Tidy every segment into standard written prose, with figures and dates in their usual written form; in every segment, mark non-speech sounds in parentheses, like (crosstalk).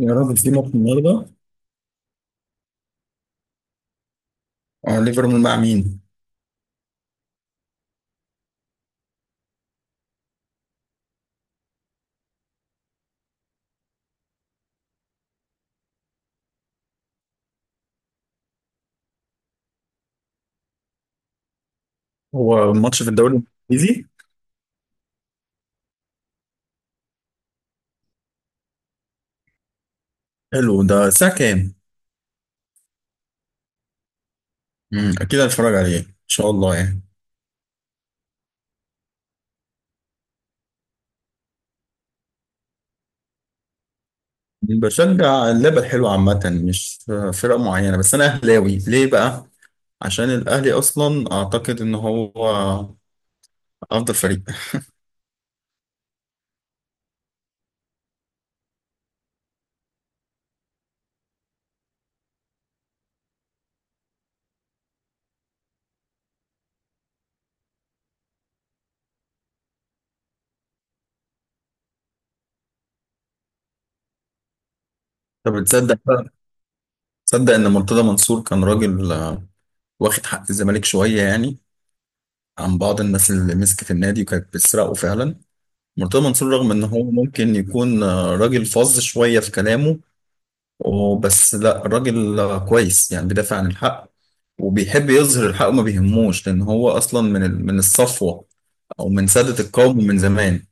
يا راجل في ماتش النهارده. ليفربول مع مين؟ هو ماتش في الدوري الانجليزي. حلو ده، الساعة كام؟ اكيد هتفرج عليه ان شاء الله يعني. بشجع اللعبة الحلوة عامة، مش فرق معينة. بس انا اهلاوي ليه بقى؟ عشان الاهلي اصلا اعتقد ان هو افضل فريق. طب تصدق بقى، تصدق ان مرتضى منصور كان راجل واخد حق الزمالك شوية يعني، عن بعض الناس اللي مسكت النادي وكانت بتسرقه فعلا. مرتضى منصور رغم ان هو ممكن يكون راجل فظ شوية في كلامه وبس، لا راجل كويس يعني، بيدافع عن الحق وبيحب يظهر الحق وما بيهموش، لان هو اصلا من الصفوة او من سادة القوم من زمان.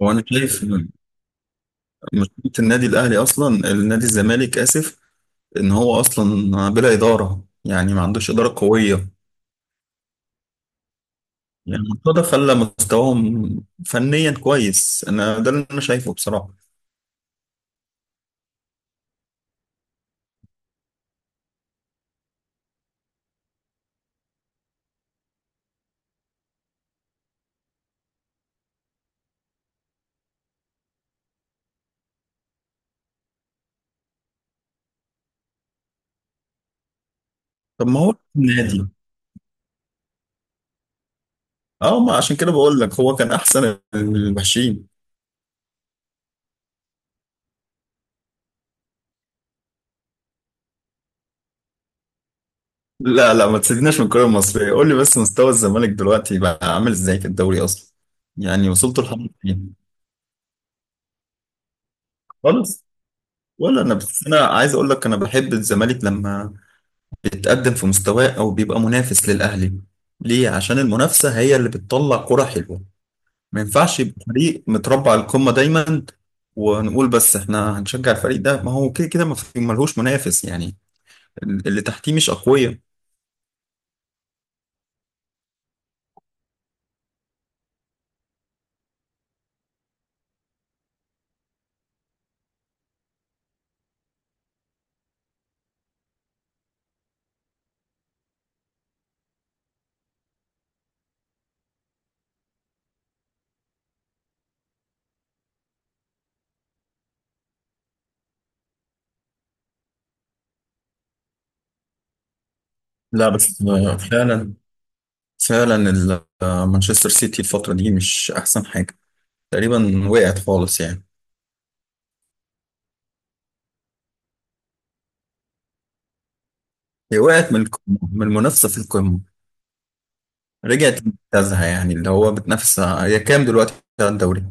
وانا شايف إن مشكله النادي الاهلي اصلا، النادي الزمالك اسف، ان هو اصلا بلا اداره، يعني ما عندوش اداره قويه. يعني مرتضى خلى مستواهم فنيا كويس، انا ده اللي انا شايفه بصراحه. طب ما هو النادي. اه ما عشان كده بقول لك هو كان احسن المحشين. لا لا ما تسيبناش من الكرة المصرية. قول لي بس مستوى الزمالك دلوقتي بقى عامل ازاي في الدوري اصلا؟ يعني وصلت لحد فين؟ خالص؟ ولا انا، بس انا عايز اقول لك انا بحب الزمالك لما بيتقدم في مستواه او بيبقى منافس للاهلي. ليه؟ عشان المنافسة هي اللي بتطلع كرة حلوة. ما ينفعش يبقى فريق متربع على القمة دايما ونقول بس احنا هنشجع الفريق ده، ما هو كده كده ما في- ملهوش منافس يعني، اللي تحتيه مش اقوياء. لا بس فعلا، فعلا مانشستر سيتي الفترة دي مش أحسن حاجة، تقريبا وقعت خالص يعني. هي وقعت من القمة، من المنافسة في القمة، رجعت لمركزها. يعني اللي هو بتنافس، هي كام دلوقتي على الدوري؟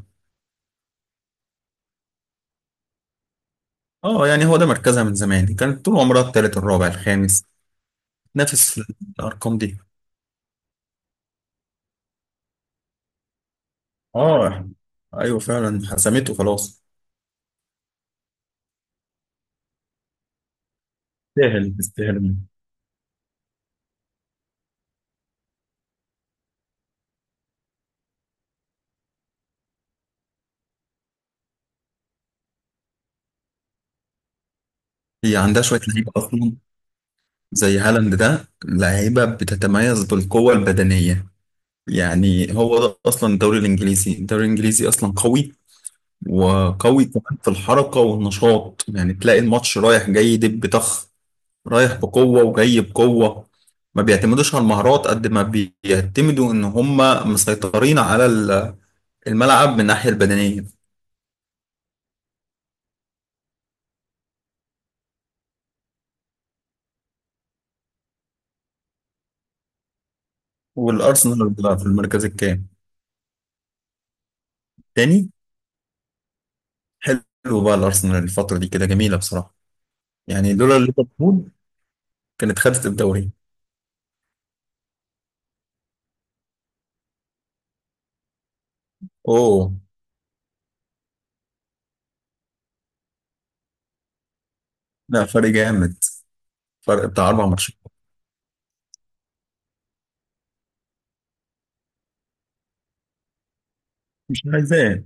اه، يعني هو ده مركزها من زمان، كانت طول عمرها التالت الرابع الخامس، تنافس في الأرقام دي. اه، ايوه فعلا حسمته خلاص، تستاهل تستاهل. هي عندها شوية لعيبة أصلا، زي هالاند ده لعيبة بتتميز بالقوة البدنية. يعني هو ده اصلا الدوري الانجليزي، الدوري الانجليزي اصلا قوي، وقوي كمان في الحركه والنشاط. يعني تلاقي الماتش رايح جاي دب طخ، رايح بقوه وجاي بقوه. ما بيعتمدوش على المهارات قد ما بيعتمدوا ان هم مسيطرين على الملعب من الناحيه البدنيه. والارسنال بقى في المركز الكام؟ تاني؟ حلو بقى، الارسنال الفتره دي كده جميله بصراحه. يعني لولا ليفربول كانت خدت الدوري. اوه. لا فرق جامد، فرق بتاع اربع ماتشات. مش عايزاه.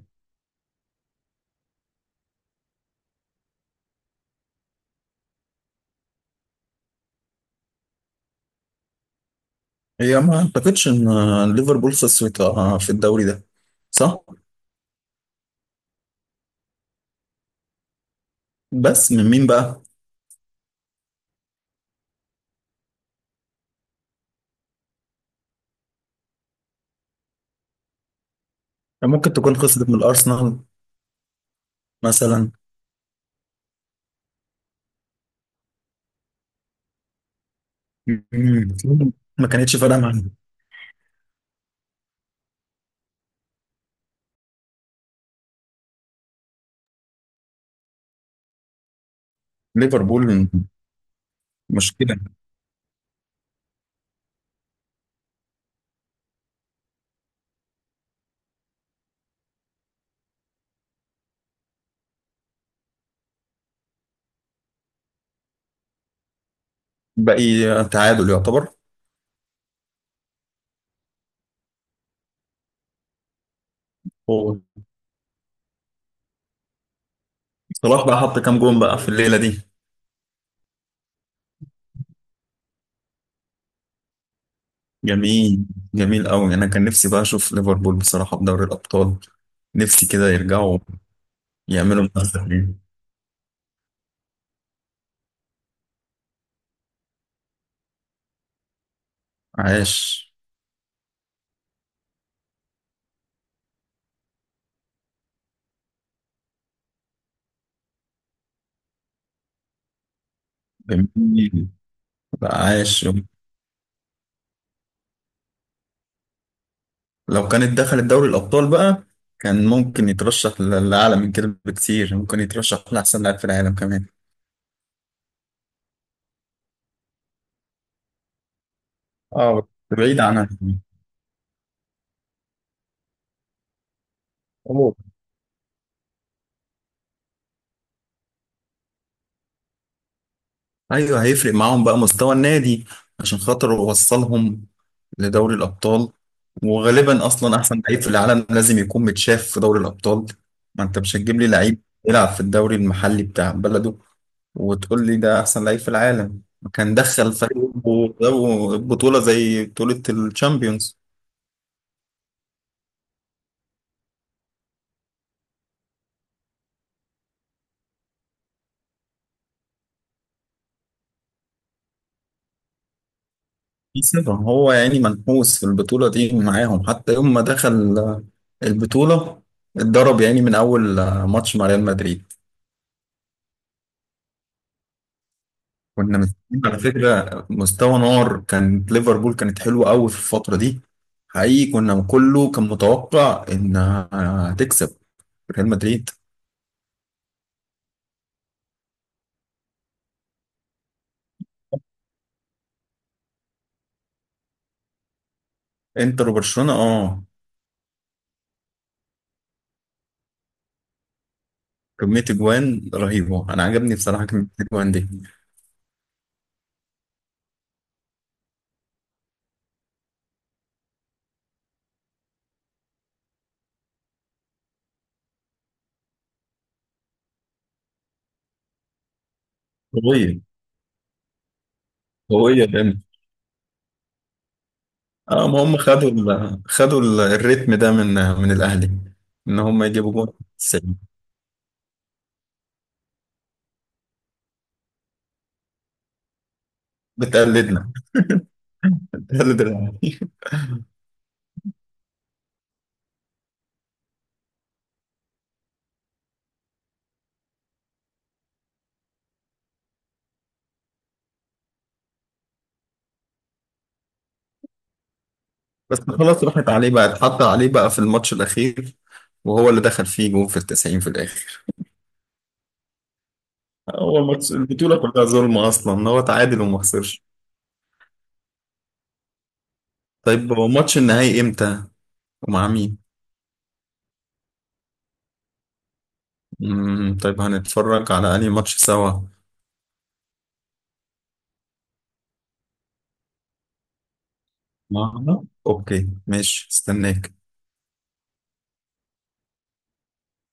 هي ما اعتقدش ان ليفربول خسرت في الدوري ده، صح؟ بس من مين بقى؟ ممكن تكون خسرت من الارسنال مثلا. مم. ما كانتش فارقه مع ليفربول. مشكله. باقي تعادل يعتبر؟ هو صلاح بقى حط كام جون بقى في الليله دي؟ جميل، جميل قوي. انا كان نفسي بقى اشوف ليفربول بصراحه في دوري الابطال، نفسي كده يرجعوا يعملوا منافسه. عاش، جميل بقى، عاش. لو كانت دخلت دوري الأبطال بقى، كان ممكن يترشح لأعلى من كده بكتير، ممكن يترشح لأحسن لاعب في العالم كمان. اه بس بعيد عنها. عموما أيوه هيفرق معاهم بقى مستوى النادي، عشان خاطر وصلهم لدوري الأبطال. وغالبا أصلا أحسن لعيب في العالم لازم يكون متشاف في دوري الأبطال. ما أنت مش هتجيب لي لعيب يلعب في الدوري المحلي بتاع بلده وتقول لي ده أحسن لعيب في العالم. كان دخل فريقه بطولة زي بطولة الشامبيونز. سيبهم، هو يعني منحوس في البطولة دي معاهم. حتى يوم ما دخل البطولة اتضرب، يعني من أول ماتش مع ريال مدريد. كنا مستنيين على فكرة مستوى نار، كانت ليفربول كانت حلوة قوي في الفترة دي حقيقي. كنا كله كان متوقع إنها هتكسب ريال مدريد. انتر وبرشلونة اه، كمية اجوان رهيبة، انا عجبني بصراحة كمية اجوان دي. قوية، قوية. اه ما هم خدوا الريتم ده من من الاهلي، ان هم يجيبوا جون في التسعين. بتقلدنا، بتقلد الاهلي. (laughs) بس خلاص راحت عليه بقى، اتحط عليه بقى في الماتش الاخير، وهو اللي دخل فيه جون في التسعين في الاخر. هو الماتش البطوله كلها ظلم اصلا، ان هو تعادل وما خسرش. طيب هو ماتش النهائي امتى؟ ومع مين؟ طيب هنتفرج على انهي ماتش سوا؟ معنا اوكي ماشي، استناك.